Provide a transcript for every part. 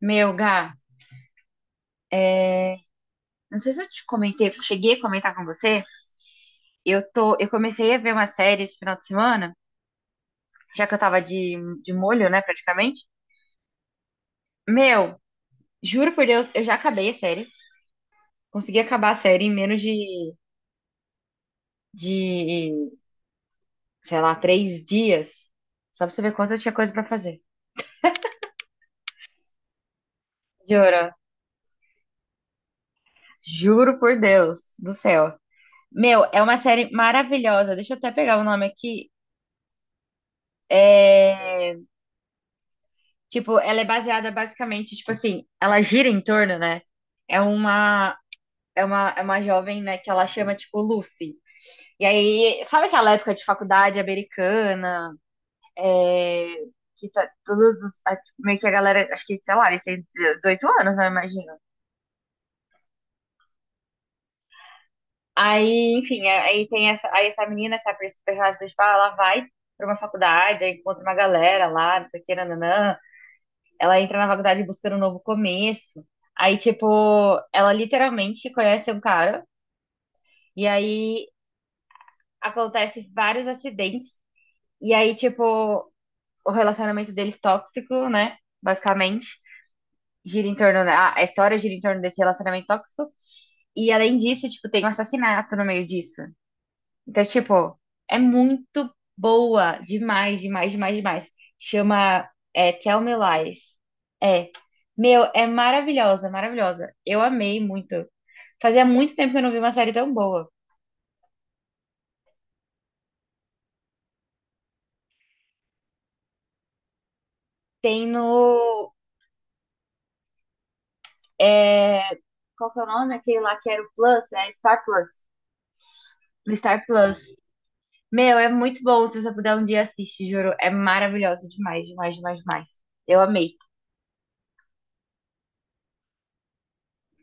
Meu, Gá, não sei se eu te comentei, cheguei a comentar com você. Eu comecei a ver uma série esse final de semana, já que eu tava de molho, né, praticamente. Meu, juro por Deus, eu já acabei a série. Consegui acabar a série em menos de, sei lá, 3 dias. Só pra você ver quanto eu tinha coisa pra fazer. Juro, juro por Deus do céu. Meu, é uma série maravilhosa. Deixa eu até pegar o nome aqui. É. Tipo, ela é baseada basicamente, tipo assim, ela gira em torno, né? É uma, é uma jovem, né, que ela chama, tipo, Lucy. E aí, sabe aquela época de faculdade americana, é, que tá todos, meio que a galera, acho que, sei lá, eles têm 18 anos, né, eu imagino. Aí, enfim, aí tem essa menina, essa personagem principal, ela vai pra uma faculdade, aí encontra uma galera lá, não sei o que, nananã. Ela entra na faculdade buscando um novo começo. Aí, tipo, ela literalmente conhece um cara. E aí acontece vários acidentes. E aí, tipo, o relacionamento deles tóxico, né? Basicamente. Gira em torno. Da A história gira em torno desse relacionamento tóxico. E além disso, tipo, tem um assassinato no meio disso. Então, tipo, é muito boa. Demais, demais, demais, demais. Chama Tell Me Lies. É. Meu, é maravilhosa, maravilhosa. Eu amei muito. Fazia muito tempo que eu não vi uma série tão boa. Tem no. é, Qual que é o nome? Aquele lá que era o Plus? É Star Plus. No Star Plus. Meu, é muito bom. Se você puder um dia assiste, juro. É maravilhosa demais, demais, demais, demais. Eu amei.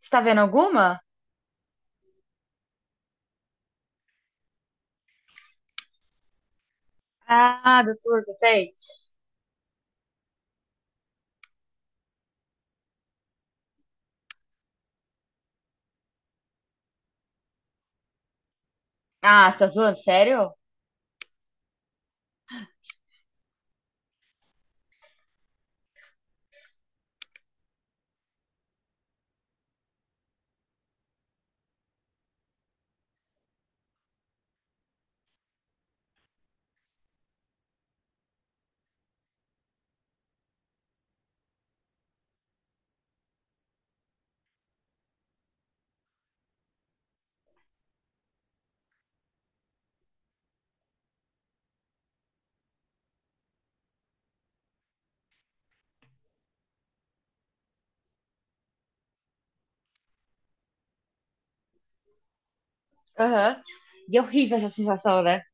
Você tá vendo alguma? Ah, doutor, você? Ah, você tá zoando? Sério? Aham. E é horrível essa sensação, né?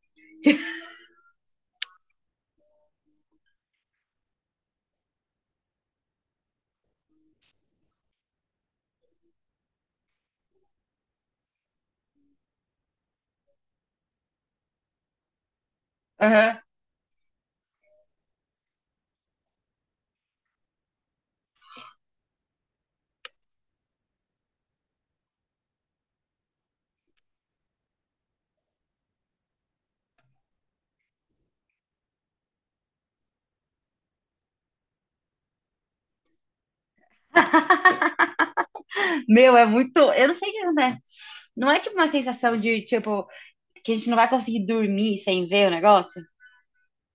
Aham. Meu, é muito. Eu não sei o que acontece. Não é tipo uma sensação de, tipo, que a gente não vai conseguir dormir sem ver o negócio?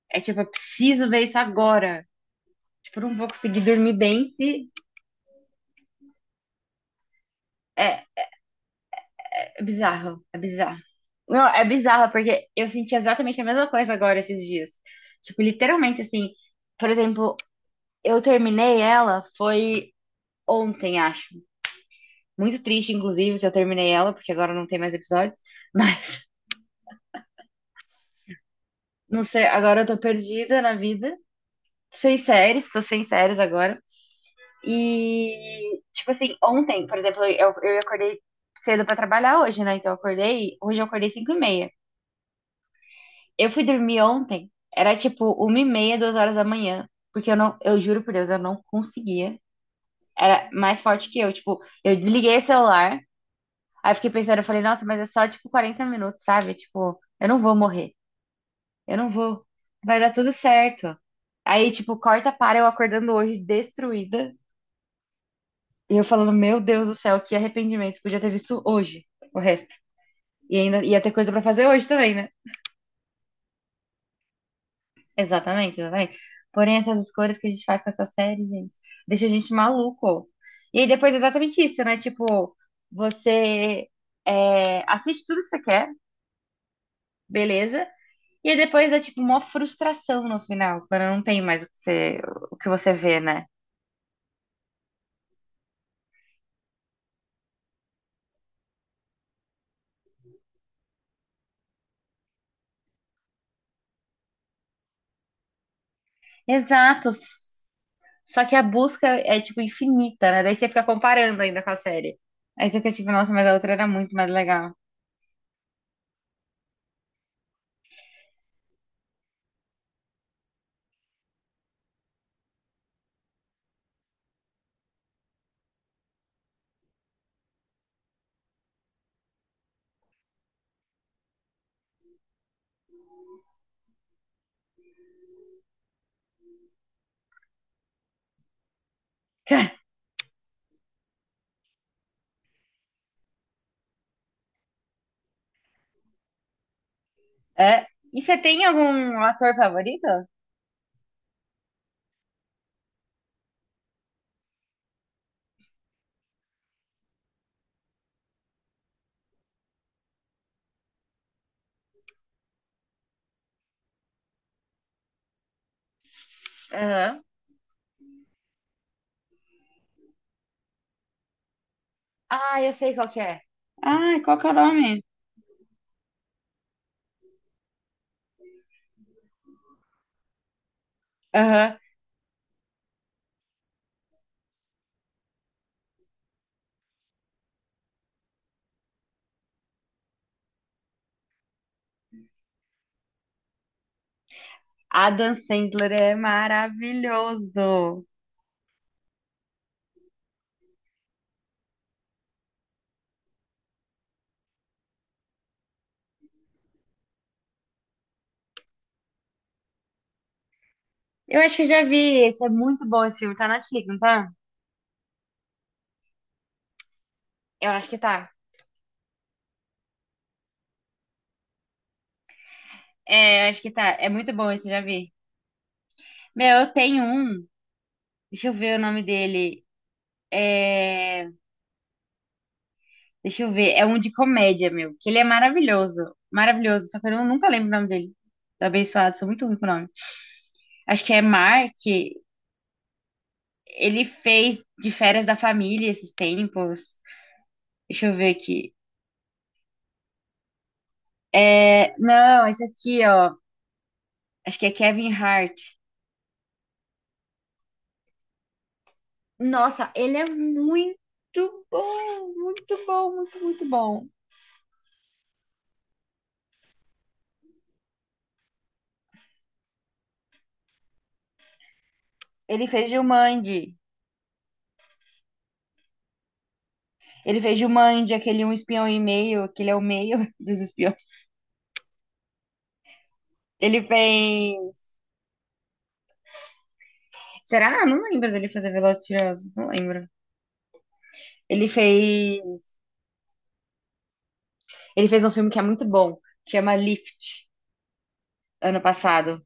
É tipo, eu preciso ver isso agora. Tipo, eu não vou conseguir dormir bem se. É, é bizarro, é bizarro. Não, é bizarro, porque eu senti exatamente a mesma coisa agora esses dias. Tipo, literalmente assim. Por exemplo, eu terminei ela foi ontem, acho. Muito triste, inclusive, que eu terminei ela, porque agora não tem mais episódios. Mas não sei, agora eu tô perdida na vida. Sem séries, tô sem séries agora. E, tipo assim, ontem, por exemplo, eu acordei cedo pra trabalhar hoje, né? Então eu acordei, hoje eu acordei 5:30. Eu fui dormir ontem, era tipo 1:30, 2 horas da manhã. Porque eu não, eu juro por Deus, eu não conseguia. Era mais forte que eu. Tipo, eu desliguei o celular, aí fiquei pensando, eu falei, nossa, mas é só tipo 40 minutos, sabe? Tipo, eu não vou morrer. Eu não vou. Vai dar tudo certo. Aí, tipo, corta para eu acordando hoje destruída. E eu falando, meu Deus do céu, que arrependimento. Podia ter visto hoje o resto. E ainda ia ter coisa pra fazer hoje também, né? Exatamente, exatamente. Porém, essas escolhas que a gente faz com essa série, gente, deixa a gente maluco. E aí depois é exatamente isso, né? Tipo, você assiste tudo que você quer, beleza? E aí depois é tipo uma frustração no final, quando não tem mais o que você vê, né? Exato. Só que a busca é, tipo, infinita, né? Daí você fica comparando ainda com a série. Aí você fica tipo, nossa, mas a outra era muito mais legal. É. E você tem algum ator favorito? Aham. Ah, eu sei qual que é. Ah, qual que é o nome? Aham. Adam Sandler é maravilhoso. Eu acho que eu já vi esse. É muito bom esse filme. Tá na Netflix, não tá? Eu acho que tá. É, eu acho que tá. É muito bom esse, eu já vi. Meu, eu tenho um. Deixa eu ver o nome dele. É... Deixa eu ver. É um de comédia, meu. Que ele é maravilhoso. Maravilhoso. Só que eu não- nunca lembro o nome dele. Do Abençoado. Sou muito ruim com o nome. Acho que é Mark. Ele fez de férias da família esses tempos. Deixa eu ver aqui. Não, esse aqui, ó. Acho que é Kevin Hart. Nossa, ele é muito bom. Muito bom, muito, muito bom. Ele fez Jumanji. Ele fez Jumanji, aquele Um Espião e Meio, aquele é o meio dos espiões. Ele fez. Será? Não lembro dele fazer Velozes e Furiosos, não lembro. Ele fez, ele fez um filme que é muito bom, que chama Lift, ano passado.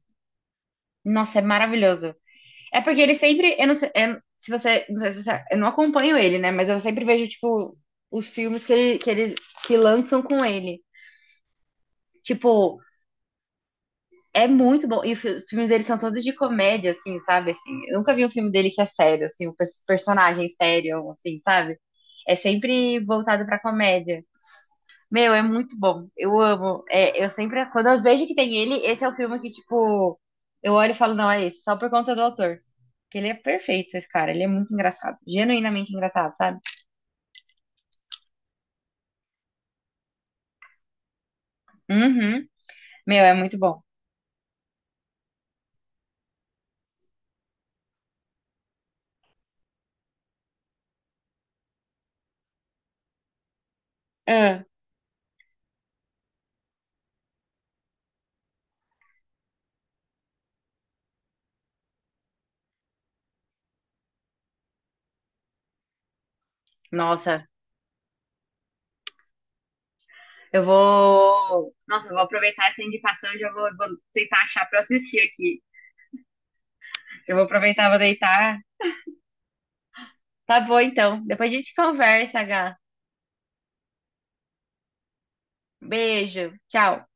Nossa, é maravilhoso. É porque ele sempre, eu não sei, se você, não sei se você, eu não acompanho ele, né, mas eu sempre vejo tipo os filmes que lançam com ele. Tipo, é muito bom. E os filmes dele são todos de comédia assim, sabe? Assim, eu nunca vi um filme dele que é sério assim, personagem sério assim, sabe? É sempre voltado pra comédia. Meu, é muito bom. Eu amo. É, eu sempre, quando eu vejo que tem ele, esse é o filme que, tipo, eu olho e falo, não, é esse, só por conta do autor. Porque ele é perfeito, esse cara. Ele é muito engraçado. Genuinamente engraçado, sabe? Uhum. Meu, é muito bom. Ah, nossa, eu vou. Nossa, eu vou aproveitar essa indicação e já vou, vou tentar achar pra eu assistir aqui. Eu vou aproveitar, vou deitar. Tá bom, então. Depois a gente conversa, Gá. Beijo. Tchau.